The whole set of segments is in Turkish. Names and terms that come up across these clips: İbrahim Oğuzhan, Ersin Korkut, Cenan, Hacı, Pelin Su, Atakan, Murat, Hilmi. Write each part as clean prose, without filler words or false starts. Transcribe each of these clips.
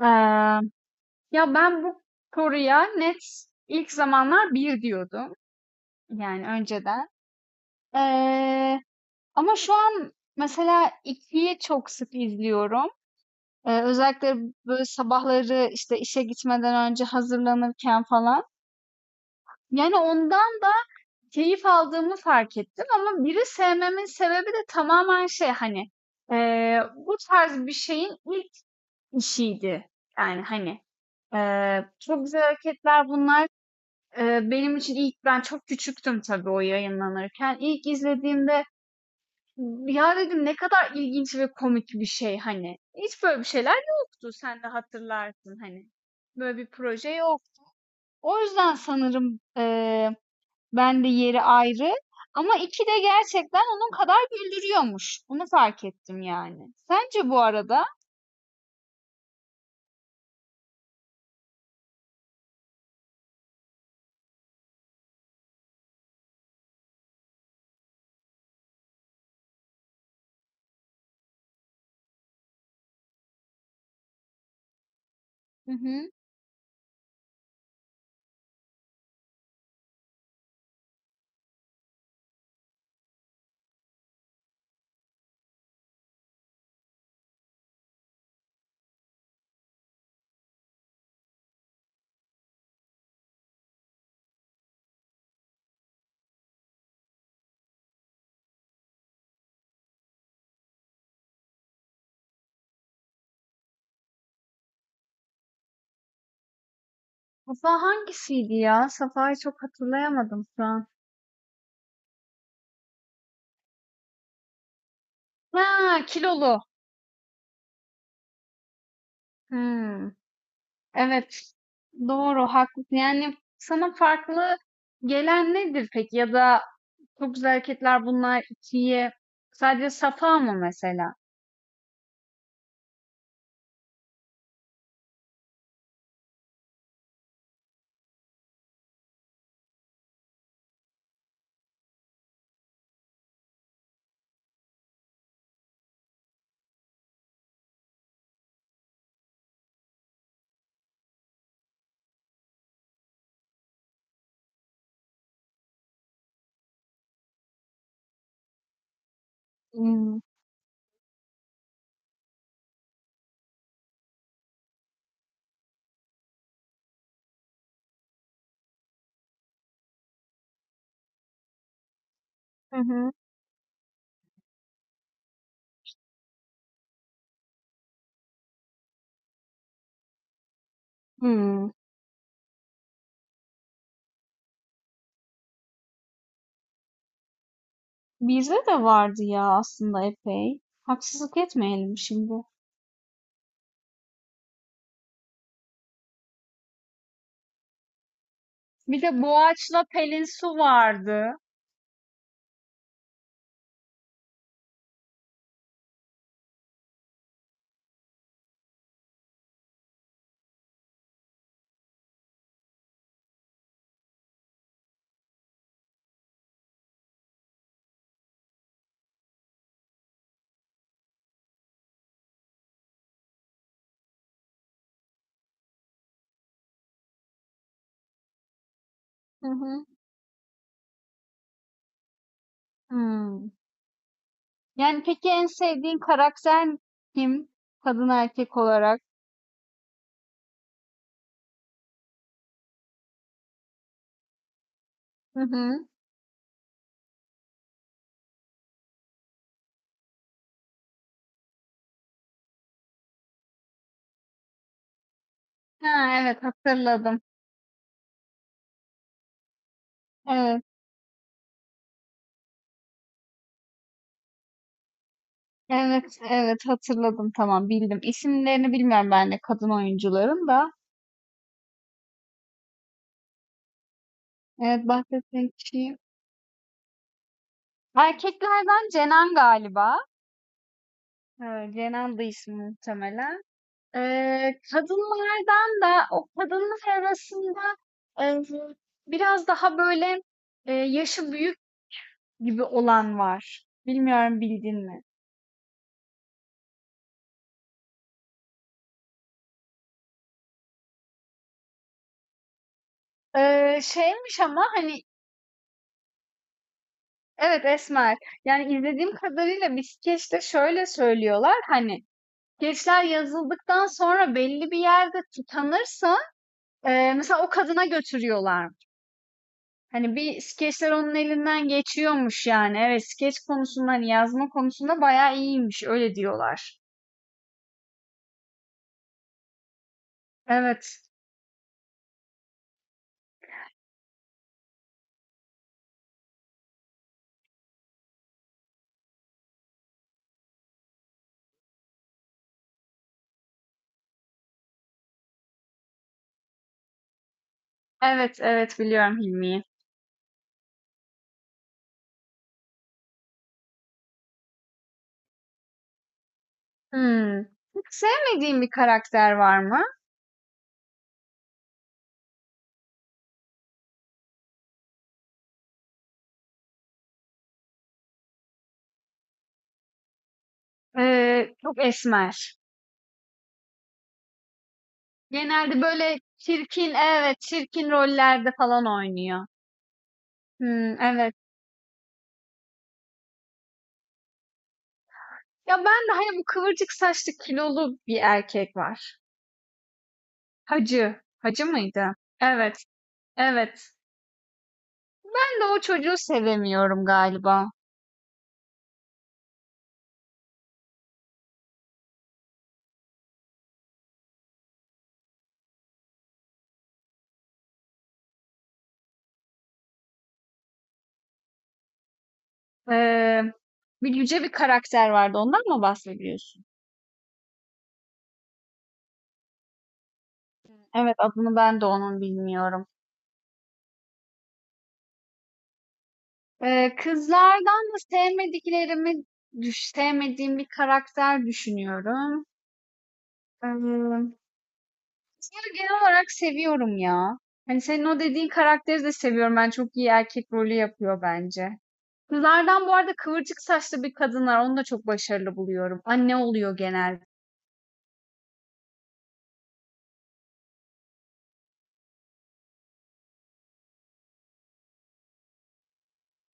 Eee, ya ben bu soruya net ilk zamanlar bir diyordum. Yani önceden. Eee, ama şu an mesela ikiyi çok sık izliyorum. Özellikle böyle sabahları işte işe gitmeden önce hazırlanırken falan. Yani ondan da keyif aldığımı fark ettim ama biri sevmemin sebebi de tamamen şey hani bu tarz bir şeyin ilk işiydi. Yani hani çok güzel hareketler bunlar. Benim için ilk ben çok küçüktüm tabii o yayınlanırken. İlk izlediğimde, "Ya" dedim, "Ne kadar ilginç ve komik bir şey." hani. Hiç böyle bir şeyler yoktu. Sen de hatırlarsın hani. Böyle bir proje yok. O yüzden sanırım, ben de yeri ayrı ama iki de gerçekten onun kadar güldürüyormuş. Bunu fark ettim yani. Sence bu arada? Hı hı. Safa hangisiydi ya? Safa'yı çok hatırlayamadım şu an. Ha, kilolu. Hmm, evet. Doğru, haklısın. Yani sana farklı gelen nedir peki? Ya da çok güzel hareketler bunlar ikiye. Sadece Safa mı mesela? Hmm. Hı hı. Hmm. Bizde de vardı ya aslında epey. Haksızlık etmeyelim şimdi. Bir de Boğaç'la Pelin Su vardı. Hı hı. Hmm. Yani peki en sevdiğin karakter kim? Kadın erkek olarak. Hı hı. Ha, evet hatırladım. Evet, evet, evet hatırladım. Tamam bildim. İsimlerini bilmiyorum ben de kadın oyuncuların da. Evet bahsettiğin kişiyi. Erkeklerden Cenan galiba. Evet, Cenan'dı ismi muhtemelen. Kadınlardan da o kadınlar arasında e, biraz daha böyle yaşı büyük gibi olan var. Bilmiyorum bildin mi? Şeymiş ama, hani, evet, esmer. Yani, izlediğim kadarıyla bir skeçte şöyle söylüyorlar, hani, skeçler yazıldıktan sonra belli bir yerde tutanırsa mesela o kadına götürüyorlar. Hani, bir skeçler onun elinden geçiyormuş yani. Evet, skeç konusunda, hani, yazma konusunda bayağı iyiymiş, öyle diyorlar. Evet. Evet, evet, biliyorum Hilmi'yi. Hımm. Hiç sevmediğin bir karakter var mı? Çok esmer. Genelde böyle çirkin, evet, çirkin rollerde falan oynuyor. Hımm, evet. Ya ben de hani bu kıvırcık saçlı kilolu bir erkek var. Hacı. Hacı mıydı? Evet, evet. Ben de o çocuğu sevemiyorum galiba. Eee, bir yüce bir karakter vardı. Ondan mı bahsediyorsun? Evet, adını ben de onun bilmiyorum. Kızlardan da sevmediklerimi, sevmediğim bir karakter düşünüyorum. Ee, Seni genel olarak seviyorum ya. Hani senin o dediğin karakteri de seviyorum. Ben çok iyi erkek rolü yapıyor bence. Kızlardan bu arada kıvırcık saçlı bir kadın var. Onu da çok başarılı buluyorum. Anne oluyor genelde.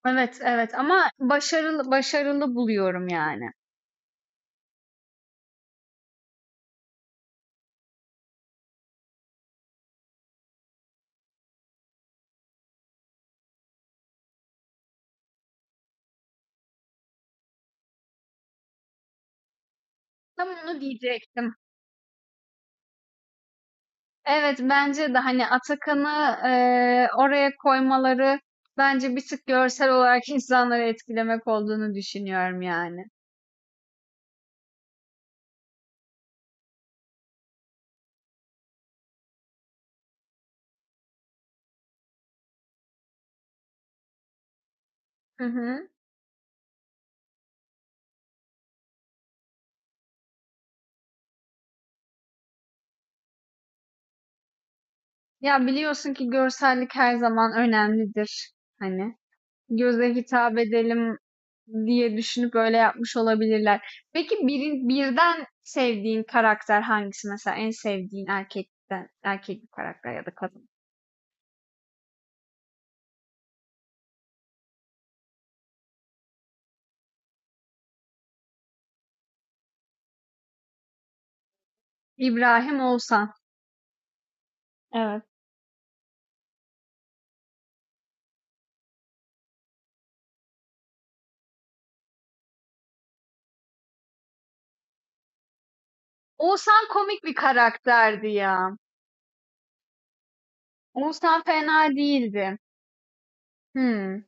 Evet, evet ama başarılı başarılı buluyorum yani. Tam onu diyecektim. Evet bence de hani Atakan'ı oraya koymaları bence bir tık görsel olarak insanları etkilemek olduğunu düşünüyorum yani. Hı hı. Ya biliyorsun ki görsellik her zaman önemlidir. Hani göze hitap edelim diye düşünüp öyle yapmış olabilirler. Peki birin, birden sevdiğin karakter hangisi? Mesela en sevdiğin erkekten, erkek bir karakter ya da kadın. İbrahim Oğuzhan. Evet. Oğuzhan komik bir karakterdi ya. Oğuzhan fena değildi. Hmm.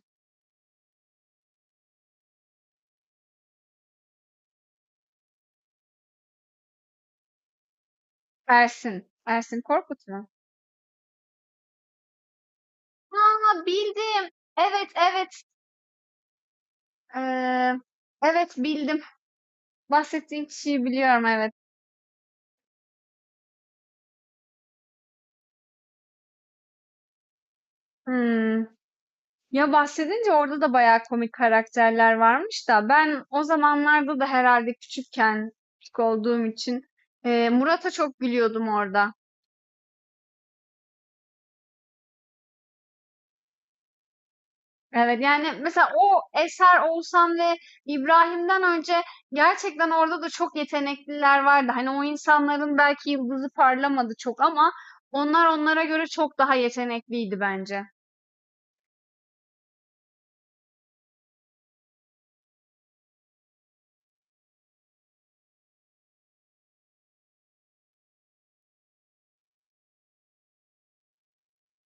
Ersin. Ersin Korkut mu? Ha bildim. Evet evet. Ee, evet bildim. Bahsettiğin kişiyi biliyorum, evet. Hımm. Ya, bahsedince orada da bayağı komik karakterler varmış da ben o zamanlarda da herhalde küçükken, küçük olduğum için, Murat'a çok gülüyordum orada. Evet, yani, mesela o eser Oğuzhan ve İbrahim'den önce gerçekten orada da çok yetenekliler vardı. Hani, o insanların belki yıldızı parlamadı çok ama onlar onlara göre çok daha yetenekliydi bence.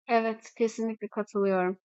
Evet, kesinlikle katılıyorum.